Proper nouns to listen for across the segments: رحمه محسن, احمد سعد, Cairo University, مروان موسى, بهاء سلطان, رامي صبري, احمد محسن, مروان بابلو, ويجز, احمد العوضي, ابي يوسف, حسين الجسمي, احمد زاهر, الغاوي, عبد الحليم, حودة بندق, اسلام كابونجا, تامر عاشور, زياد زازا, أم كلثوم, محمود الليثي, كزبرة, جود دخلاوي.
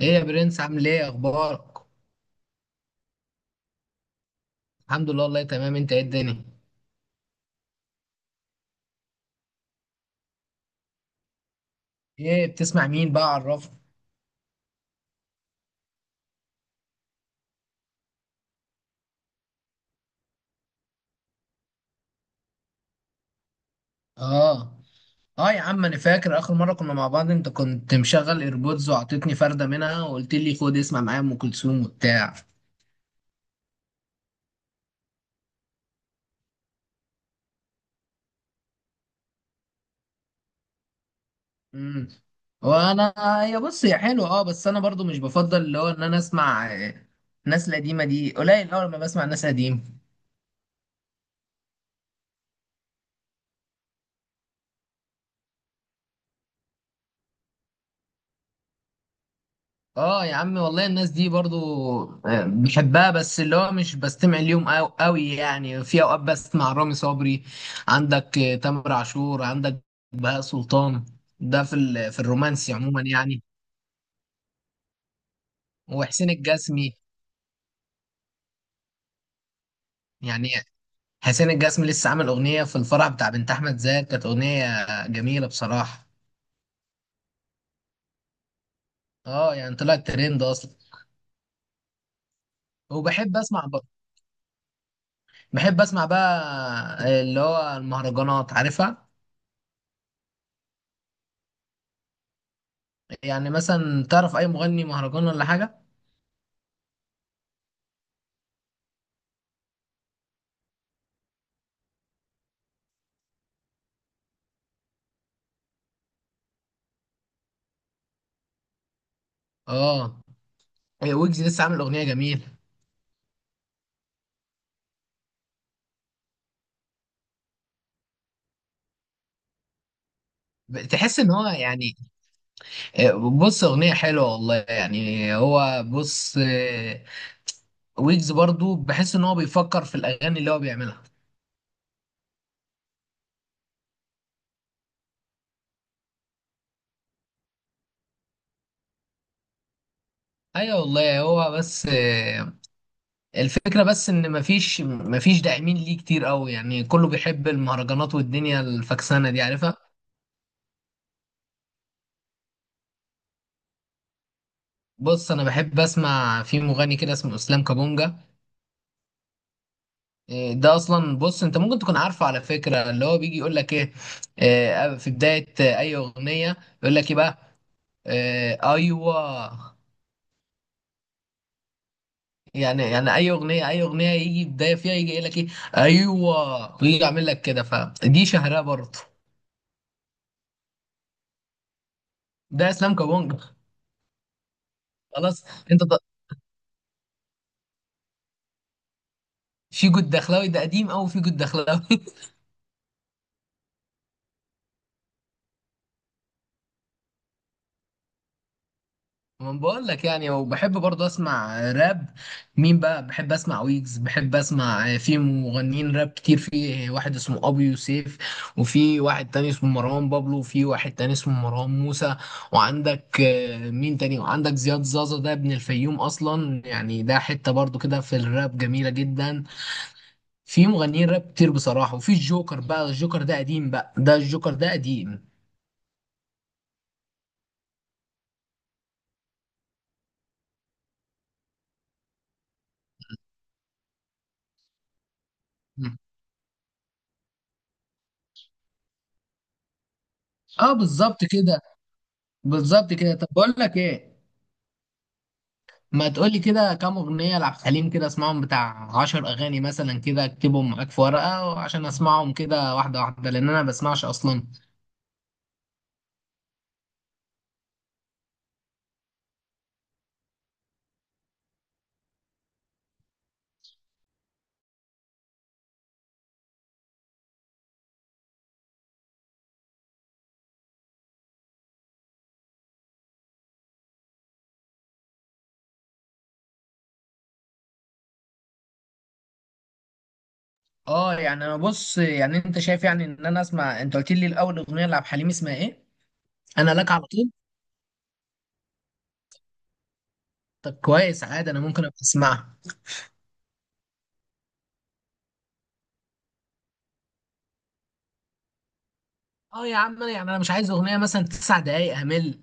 ايه يا برنس؟ عامل ايه؟ اخبارك؟ الحمد لله، والله تمام. انت ايه الدنيا؟ ايه بتسمع؟ مين بقى؟ عرفني. اه. اه، يا عم انا فاكر اخر مره كنا مع بعض، انت كنت مشغل ايربودز وعطيتني فرده منها وقلت لي خد اسمع معايا ام كلثوم وبتاع. امم وانا، هي بص هي حلوه. اه بس انا برضو مش بفضل اللي هو ان انا اسمع ناس القديمه دي قليل. اول ما بسمع ناس قديمه اه يا عم، والله الناس دي برضو بحبها. بس اللي هو مش بستمع اليوم قوي قوي يعني، في اوقات بسمع رامي صبري. عندك تامر عاشور، عندك بهاء سلطان، ده في في الرومانسي عموما يعني. وحسين الجسمي، يعني حسين الجسمي لسه عامل اغنيه في الفرح بتاع بنت احمد زاهر. كانت اغنيه جميله بصراحه. اه، يعني طلعت ترند اصلا. وبحب اسمع بقى بحب اسمع بقى اللي هو المهرجانات عارفها. يعني مثلا تعرف اي مغني مهرجان ولا حاجه؟ اه. ويجز لسه عامل اغنيه جميله. تحس ان هو يعني، بص اغنيه حلوه والله يعني. هو بص، ويجز برضو بحس ان هو بيفكر في الاغاني اللي هو بيعملها. ايوه والله. هو بس الفكره بس ان مفيش داعمين ليه كتير قوي. يعني كله بيحب المهرجانات والدنيا الفكسانه دي عارفها. بص، انا بحب اسمع في مغني كده اسمه اسلام كابونجا. إيه ده اصلا، بص انت ممكن تكون عارفه على فكره، اللي هو بيجي يقول لك ايه، في بدايه اي اغنيه يقول لك ايه بقى، ايوه. يعني اي اغنيه يجي بدايه فيها يجي يقول لك ايه. ايوه، ويجي يعمل لك كده. فدي شهرها برضه. ده اسلام كابونج. خلاص. انت في جود دخلاوي، ده قديم قوي، في جود دخلاوي. ما بقول لك يعني. وبحب برضه اسمع راب. مين بقى بحب اسمع؟ ويجز بحب اسمع، في مغنيين راب كتير. في واحد اسمه ابي يوسف، وفي واحد تاني اسمه مروان بابلو، وفي واحد تاني اسمه مروان موسى، وعندك مين تاني، وعندك زياد زازا، ده ابن الفيوم اصلا يعني، ده حتة برضه كده في الراب جميلة جدا. في مغنيين راب كتير بصراحة. وفي الجوكر بقى، الجوكر ده قديم بقى، ده الجوكر ده قديم. اه، بالظبط كده. بالظبط كده. طب بقول لك ايه، ما تقولي كده كام أغنية لعبد الحليم، كده اسمعهم، بتاع عشر أغاني مثلا، كده اكتبهم معاك في ورقة عشان اسمعهم كده واحدة واحدة، لأن أنا بسمعش أصلا. اه يعني، أنا بص يعني، أنت شايف يعني إن أنا أسمع، أنت قلت لي الأول أغنية لعبد الحليم اسمها إيه؟ أنا لك على طول. طب كويس، عادي أنا ممكن أبقى أسمعها. اه يا عم، أنا يعني أنا مش عايز أغنية مثلا تسع دقايق أمل.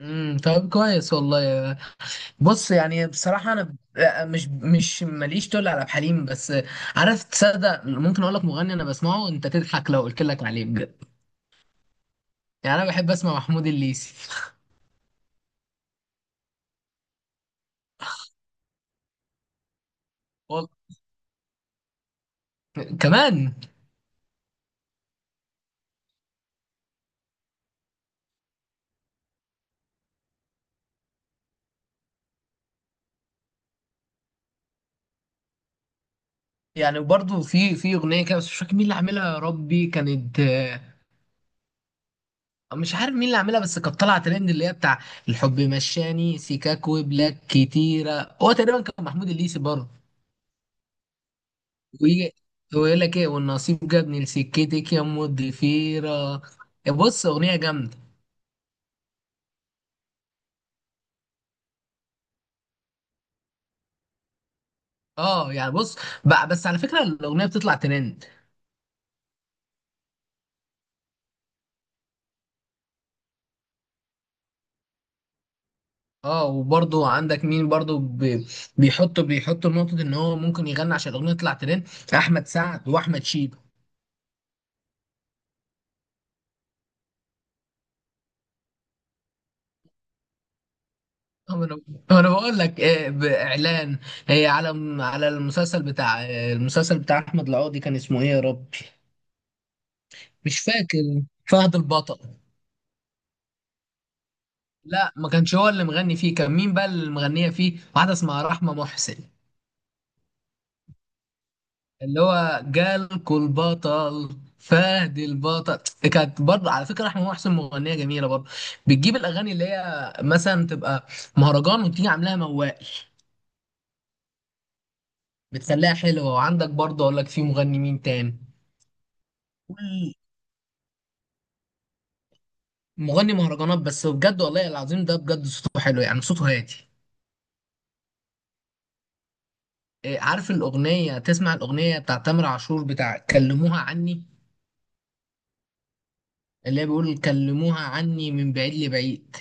امم، طب كويس والله. بص يعني بصراحة أنا مش ماليش تقول على عبد الحليم بس. عارف، تصدق، ممكن أقول لك مغني أنا بسمعه أنت تضحك لو قلت لك عليه بجد؟ يعني أنا بحب أسمع محمود الليثي. وال- كمان، يعني برضو في أغنية كده، بس مش فاكر مين اللي عاملها يا ربي، كانت مش عارف مين اللي عاملها، بس كانت طالعة ترند، اللي هي بتاع الحب مشاني سيكاك وبلاك كتيرة، هو تقريبا كان محمود الليثي برضه. ويجي ويقول لك إيه، والنصيب جابني لسكتك يا أم الضفيرة. بص أغنية جامدة. اه يعني بص بقى، بس على فكره الاغنيه بتطلع ترند. اه، وبرضو عندك مين برضو بيحطوا نقطه ان هو ممكن يغني عشان الاغنيه تطلع ترند. احمد سعد واحمد شيبه. طب انا، بقول لك إيه، باعلان، إيه على على المسلسل بتاع إيه، المسلسل بتاع احمد العوضي كان اسمه ايه يا ربي؟ مش فاكر. فهد البطل. لا، ما كانش هو اللي مغني فيه، كان مين بقى اللي مغنيه فيه؟ واحده اسمها رحمه محسن. اللي هو جالكوا البطل فهد البطل. كانت برضه، على فكره، احمد محسن مغنيه جميله برضه. بتجيب الاغاني اللي هي مثلا تبقى مهرجان وتيجي عاملاها موال. بتخليها حلوه. وعندك برضه، اقول لك في مغني مين تاني، كل مغني مهرجانات بس بجد والله العظيم، ده بجد صوته حلو يعني، صوته هادي. عارف الاغنيه؟ تسمع الاغنيه بتاع تامر عاشور بتاع كلموها عني؟ اللي هي بيقول كلموها عني من بعيد لبعيد.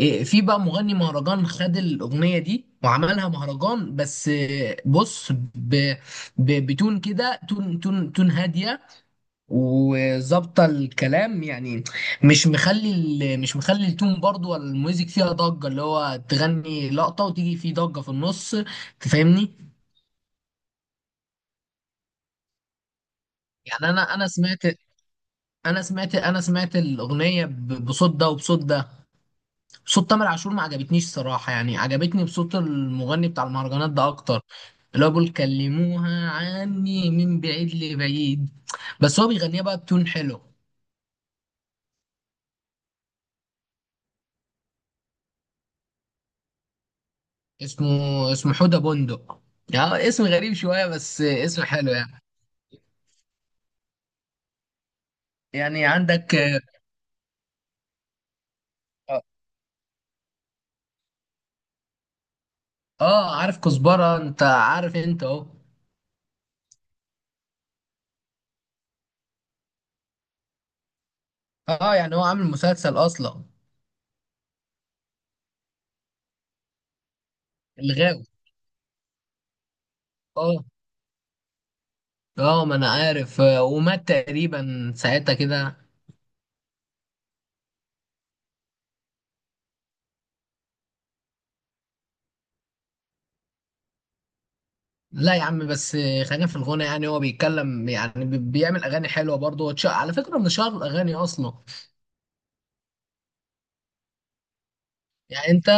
في بقى مغني مهرجان خد الأغنية دي وعملها مهرجان، بس بص، بتون كده، تون تون تون هادية وظابطة الكلام يعني. مش مخلي التون برضو ولا الميوزك فيها ضجة، اللي هو تغني لقطة وتيجي في ضجة في النص. تفهمني؟ يعني انا سمعت الأغنية بصوت ده وبصوت ده. صوت تامر عاشور ما عجبتنيش صراحة. يعني عجبتني بصوت المغني بتاع المهرجانات ده أكتر. اللي هو بيقول كلموها عني من بعيد لبعيد. بس هو بيغنيها بقى بتون حلو. اسمه اسمه حودة بندق. يعني اسم غريب شوية، بس اسم حلو يعني. يعني عندك. اه، عارف كزبرة؟ انت عارف، انت اهو. اه، يعني هو عامل مسلسل اصلا. الغاوي. اه، اه، ما انا عارف ومات تقريبا ساعتها كده. لا يا عم، بس خلينا في الغنى، يعني هو بيتكلم يعني، بيعمل اغاني حلوه برضه، على فكره من شهر الاغاني اصلا. يعني انت،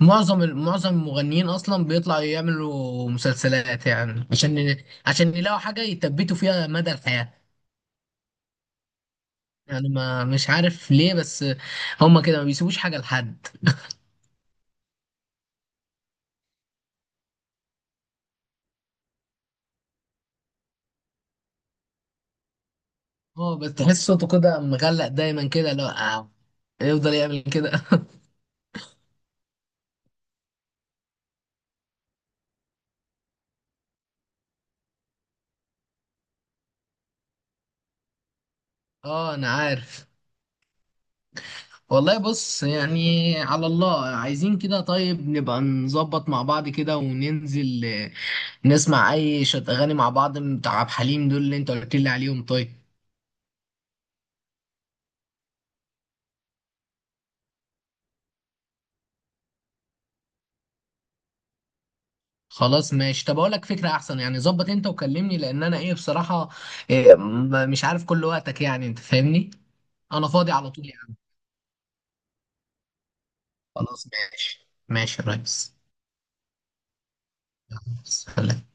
معظم المغنيين اصلا بيطلعوا يعملوا مسلسلات يعني، عشان عشان يلاقوا حاجه يثبتوا فيها مدى الحياه. يعني ما، مش عارف ليه بس، هما كده ما بيسيبوش حاجه لحد. اه، بس تحس صوته كده مغلق دايما كده، لو يفضل يعمل كده. اه، انا عارف. والله بص يعني، على الله عايزين كده. طيب نبقى نظبط مع بعض كده وننزل نسمع اي شت اغاني مع بعض بتاع عبد الحليم دول، اللي انت قلت لي عليهم، طيب. خلاص ماشي. طب اقول لك فكره احسن يعني، ظبط انت وكلمني، لان انا ايه بصراحه، مش عارف كل وقتك يعني، انت فاهمني. انا فاضي على طول يعني. خلاص، ماشي ماشي يا ريس. يلا، سلام.